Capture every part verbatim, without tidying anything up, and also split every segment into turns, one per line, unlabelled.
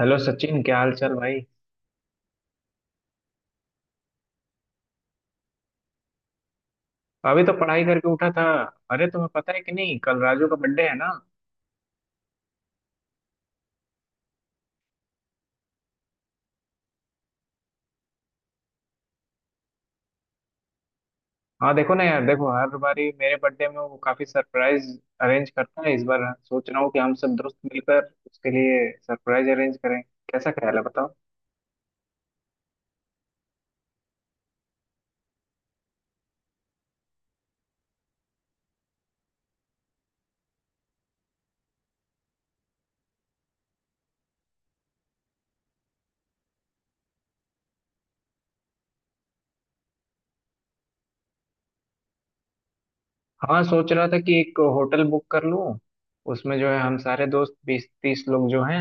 Hello Sachin, क्या हाल चाल भाई। अभी तो पढ़ाई करके उठा था। अरे तुम्हें पता है कि नहीं, कल राजू का बर्थडे है ना। हाँ देखो ना यार, देखो हर बारी मेरे बर्थडे में वो काफी सरप्राइज अरेंज करता है। इस बार सोच रहा हूँ कि हम सब दोस्त मिलकर उसके लिए सरप्राइज अरेंज करें। कैसा ख्याल है बताओ। हाँ सोच रहा था कि एक होटल बुक कर लूँ। उसमें जो है हम सारे दोस्त बीस तीस लोग जो हैं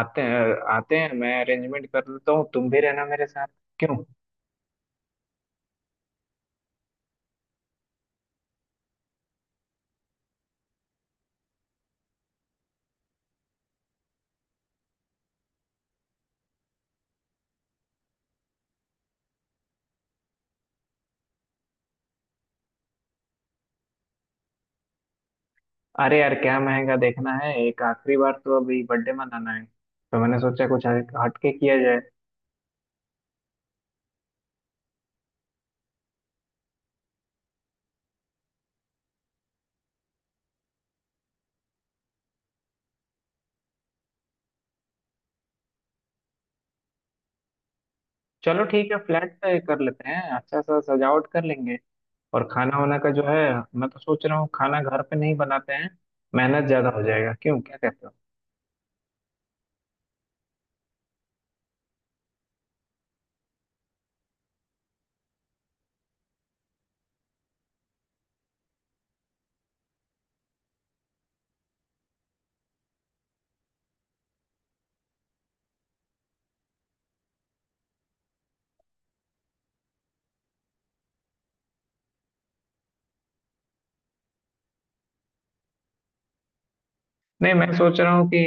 आते हैं। आते हैं मैं अरेंजमेंट कर लेता हूँ, तुम भी रहना मेरे साथ, क्यों। अरे यार क्या महंगा देखना है, एक आखिरी बार तो अभी बर्थडे मनाना है, तो मैंने सोचा कुछ हट- हटके किया जाए। चलो ठीक है, फ्लैट पे कर लेते हैं, अच्छा सा सजावट कर लेंगे। और खाना वाना का जो है, मैं तो सोच रहा हूँ खाना घर पे नहीं बनाते हैं, मेहनत ज्यादा हो जाएगा, क्यों, क्या कहते हो। नहीं मैं सोच रहा हूँ कि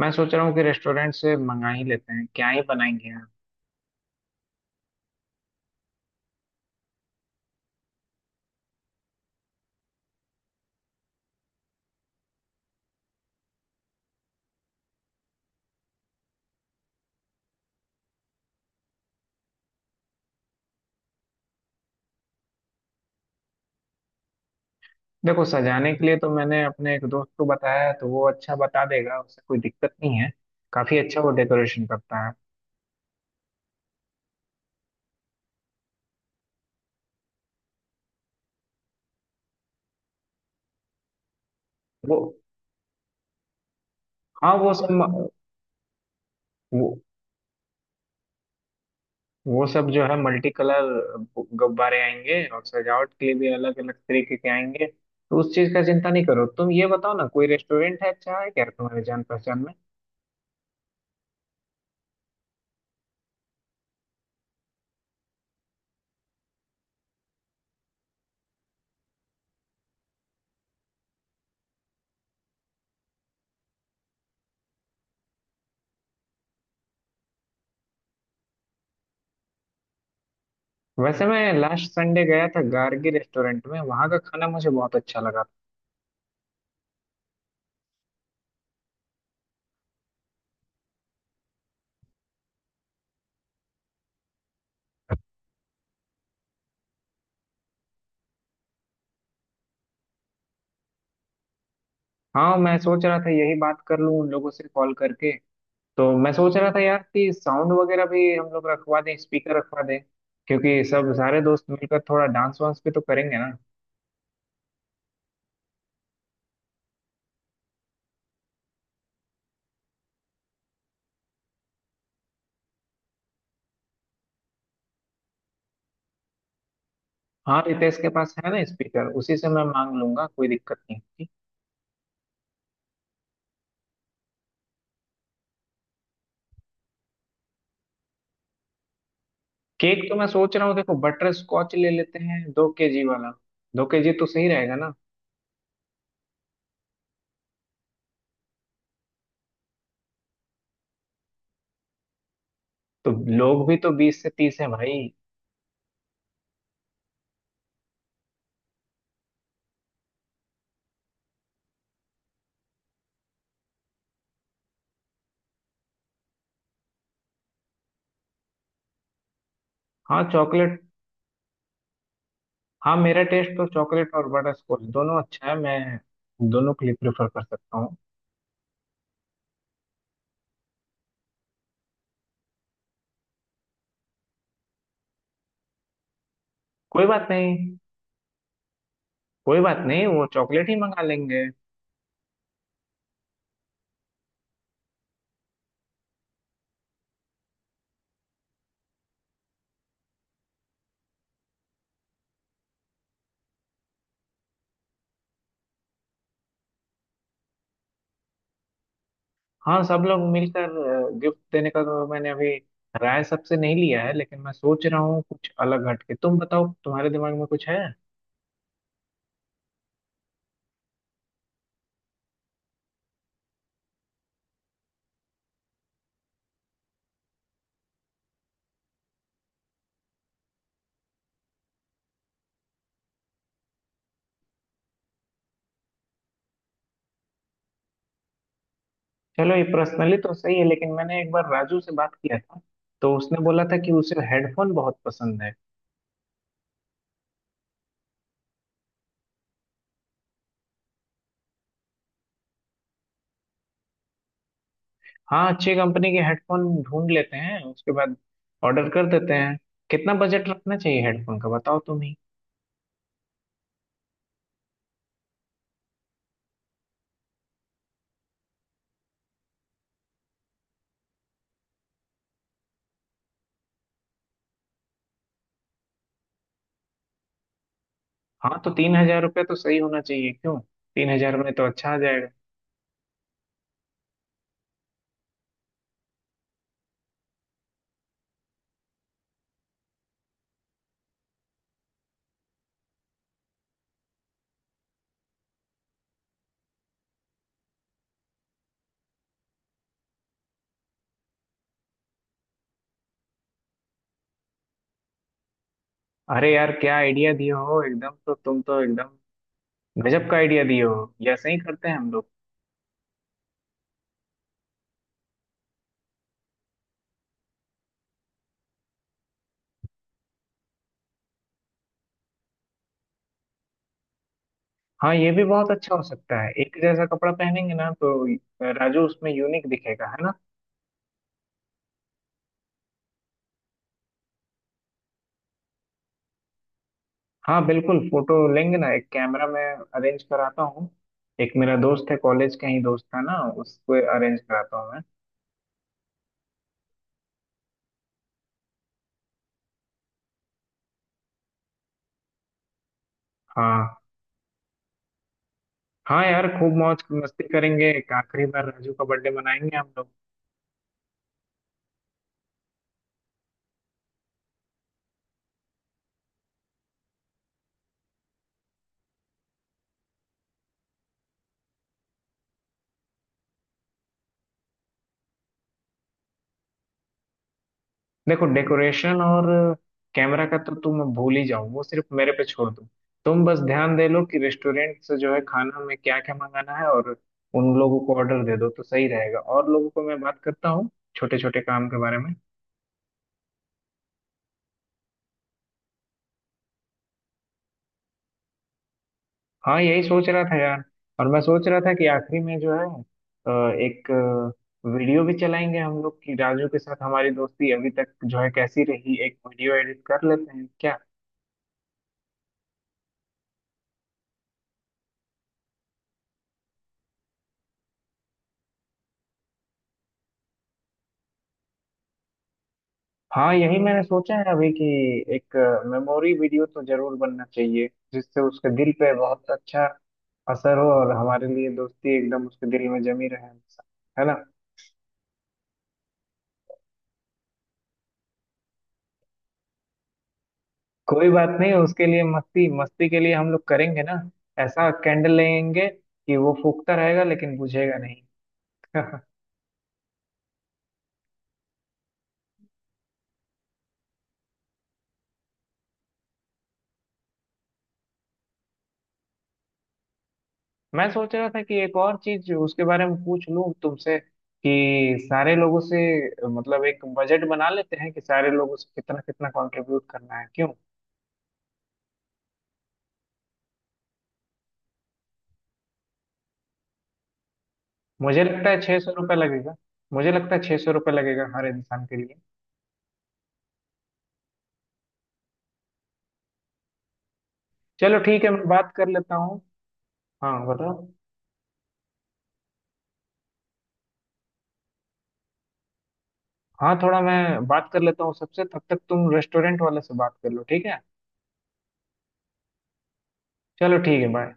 मैं सोच रहा हूँ कि रेस्टोरेंट से मंगा ही लेते हैं, क्या ही बनाएंगे यार। देखो सजाने के लिए तो मैंने अपने एक दोस्त को बताया है, तो वो अच्छा बता देगा, उससे कोई दिक्कत नहीं है। काफी अच्छा वो डेकोरेशन करता है। वो हाँ वो सब वो वो सब जो है मल्टी कलर गुब्बारे आएंगे, और सजावट के लिए भी अलग अलग तरीके के आएंगे, तो उस चीज का चिंता नहीं करो। तुम ये बताओ ना, कोई रेस्टोरेंट है अच्छा है क्या तुम्हारे जान पहचान में। वैसे मैं लास्ट संडे गया था गार्गी रेस्टोरेंट में, वहां का खाना मुझे बहुत अच्छा लगा। हाँ मैं सोच रहा था यही बात कर लूँ उन लोगों से कॉल करके। तो मैं सोच रहा था यार कि साउंड वगैरह भी हम लोग रखवा दें, स्पीकर रखवा दें, क्योंकि सब सारे दोस्त मिलकर थोड़ा डांस वांस भी तो करेंगे ना। हाँ रितेश के पास है ना स्पीकर, उसी से मैं मांग लूंगा, कोई दिक्कत नहीं होगी। केक तो मैं सोच रहा हूँ, देखो बटर स्कॉच ले लेते हैं, दो केजी वाला। दो केजी तो सही रहेगा ना। तो लोग भी तो बीस से तीस हैं भाई। हाँ चॉकलेट। हाँ मेरा टेस्ट तो चॉकलेट और बटर स्कॉच दोनों अच्छा है, मैं दोनों के लिए प्रेफर कर सकता हूँ। कोई बात नहीं। कोई बात नहीं, वो चॉकलेट ही मंगा लेंगे। हाँ सब लोग मिलकर गिफ्ट देने का तो मैंने अभी राय सबसे नहीं लिया है, लेकिन मैं सोच रहा हूँ कुछ अलग हटके। तुम बताओ, तुम्हारे दिमाग में कुछ है। चलो ये पर्सनली तो सही है, लेकिन मैंने एक बार राजू से बात किया था, तो उसने बोला था कि उसे हेडफोन बहुत पसंद है। हाँ अच्छी कंपनी के हेडफोन ढूंढ लेते हैं, उसके बाद ऑर्डर कर देते हैं। कितना बजट रखना चाहिए हेडफोन का, बताओ तुम ही। हाँ तो तीन हजार रुपये तो सही होना चाहिए, क्यों। तीन हजार में तो अच्छा आ जाएगा। अरे यार क्या आइडिया दिए हो एकदम, तो तुम तो एकदम गजब का आइडिया दिए हो। ये ऐसे ही करते हैं हम लोग। हाँ ये भी बहुत अच्छा हो सकता है, एक जैसा कपड़ा पहनेंगे ना तो राजू उसमें यूनिक दिखेगा, है ना। हाँ बिल्कुल फोटो लेंगे ना, एक कैमरा मैं अरेंज कराता हूँ। एक मेरा दोस्त है कॉलेज का ही दोस्त था ना, उसको अरेंज कराता हूँ मैं। हाँ हाँ यार, खूब मौज मस्ती करेंगे, एक आखिरी बार राजू का बर्थडे मनाएंगे हम लोग। देखो डेकोरेशन और कैमरा का तो तुम भूल ही जाओ, वो सिर्फ मेरे पे छोड़ दो। तुम बस ध्यान दे लो कि रेस्टोरेंट से जो है खाना में क्या क्या मंगाना है, और उन लोगों को ऑर्डर दे दो तो सही रहेगा, और लोगों को मैं बात करता हूँ छोटे छोटे काम के बारे में। हाँ यही सोच रहा था यार। और मैं सोच रहा था कि आखिरी में जो है अ, एक अ, वीडियो भी चलाएंगे हम लोग, कि राजू के साथ हमारी दोस्ती अभी तक जो है कैसी रही, एक वीडियो एडिट कर लेते हैं क्या। हाँ यही मैंने सोचा है अभी कि एक मेमोरी वीडियो तो जरूर बनना चाहिए, जिससे उसके दिल पे बहुत अच्छा असर हो, और हमारे लिए दोस्ती एकदम उसके दिल में जमी रहे हमेशा, है ना। कोई बात नहीं, उसके लिए मस्ती मस्ती के लिए हम लोग करेंगे ना। ऐसा कैंडल लेंगे कि वो फूकता रहेगा लेकिन बुझेगा नहीं। मैं सोच रहा था कि एक और चीज उसके बारे में पूछ लूं तुमसे, कि सारे लोगों से, मतलब एक बजट बना लेते हैं कि सारे लोगों से कितना कितना कंट्रीब्यूट करना है, क्यों। मुझे लगता है छह सौ रुपये लगेगा मुझे लगता है छह सौ रुपये लगेगा हर इंसान के लिए। चलो ठीक है, मैं बात कर लेता हूँ। हाँ बताओ। हाँ थोड़ा मैं बात कर लेता हूँ सबसे, तब तक तुम रेस्टोरेंट वाले से बात कर लो, ठीक है। चलो ठीक है, बाय।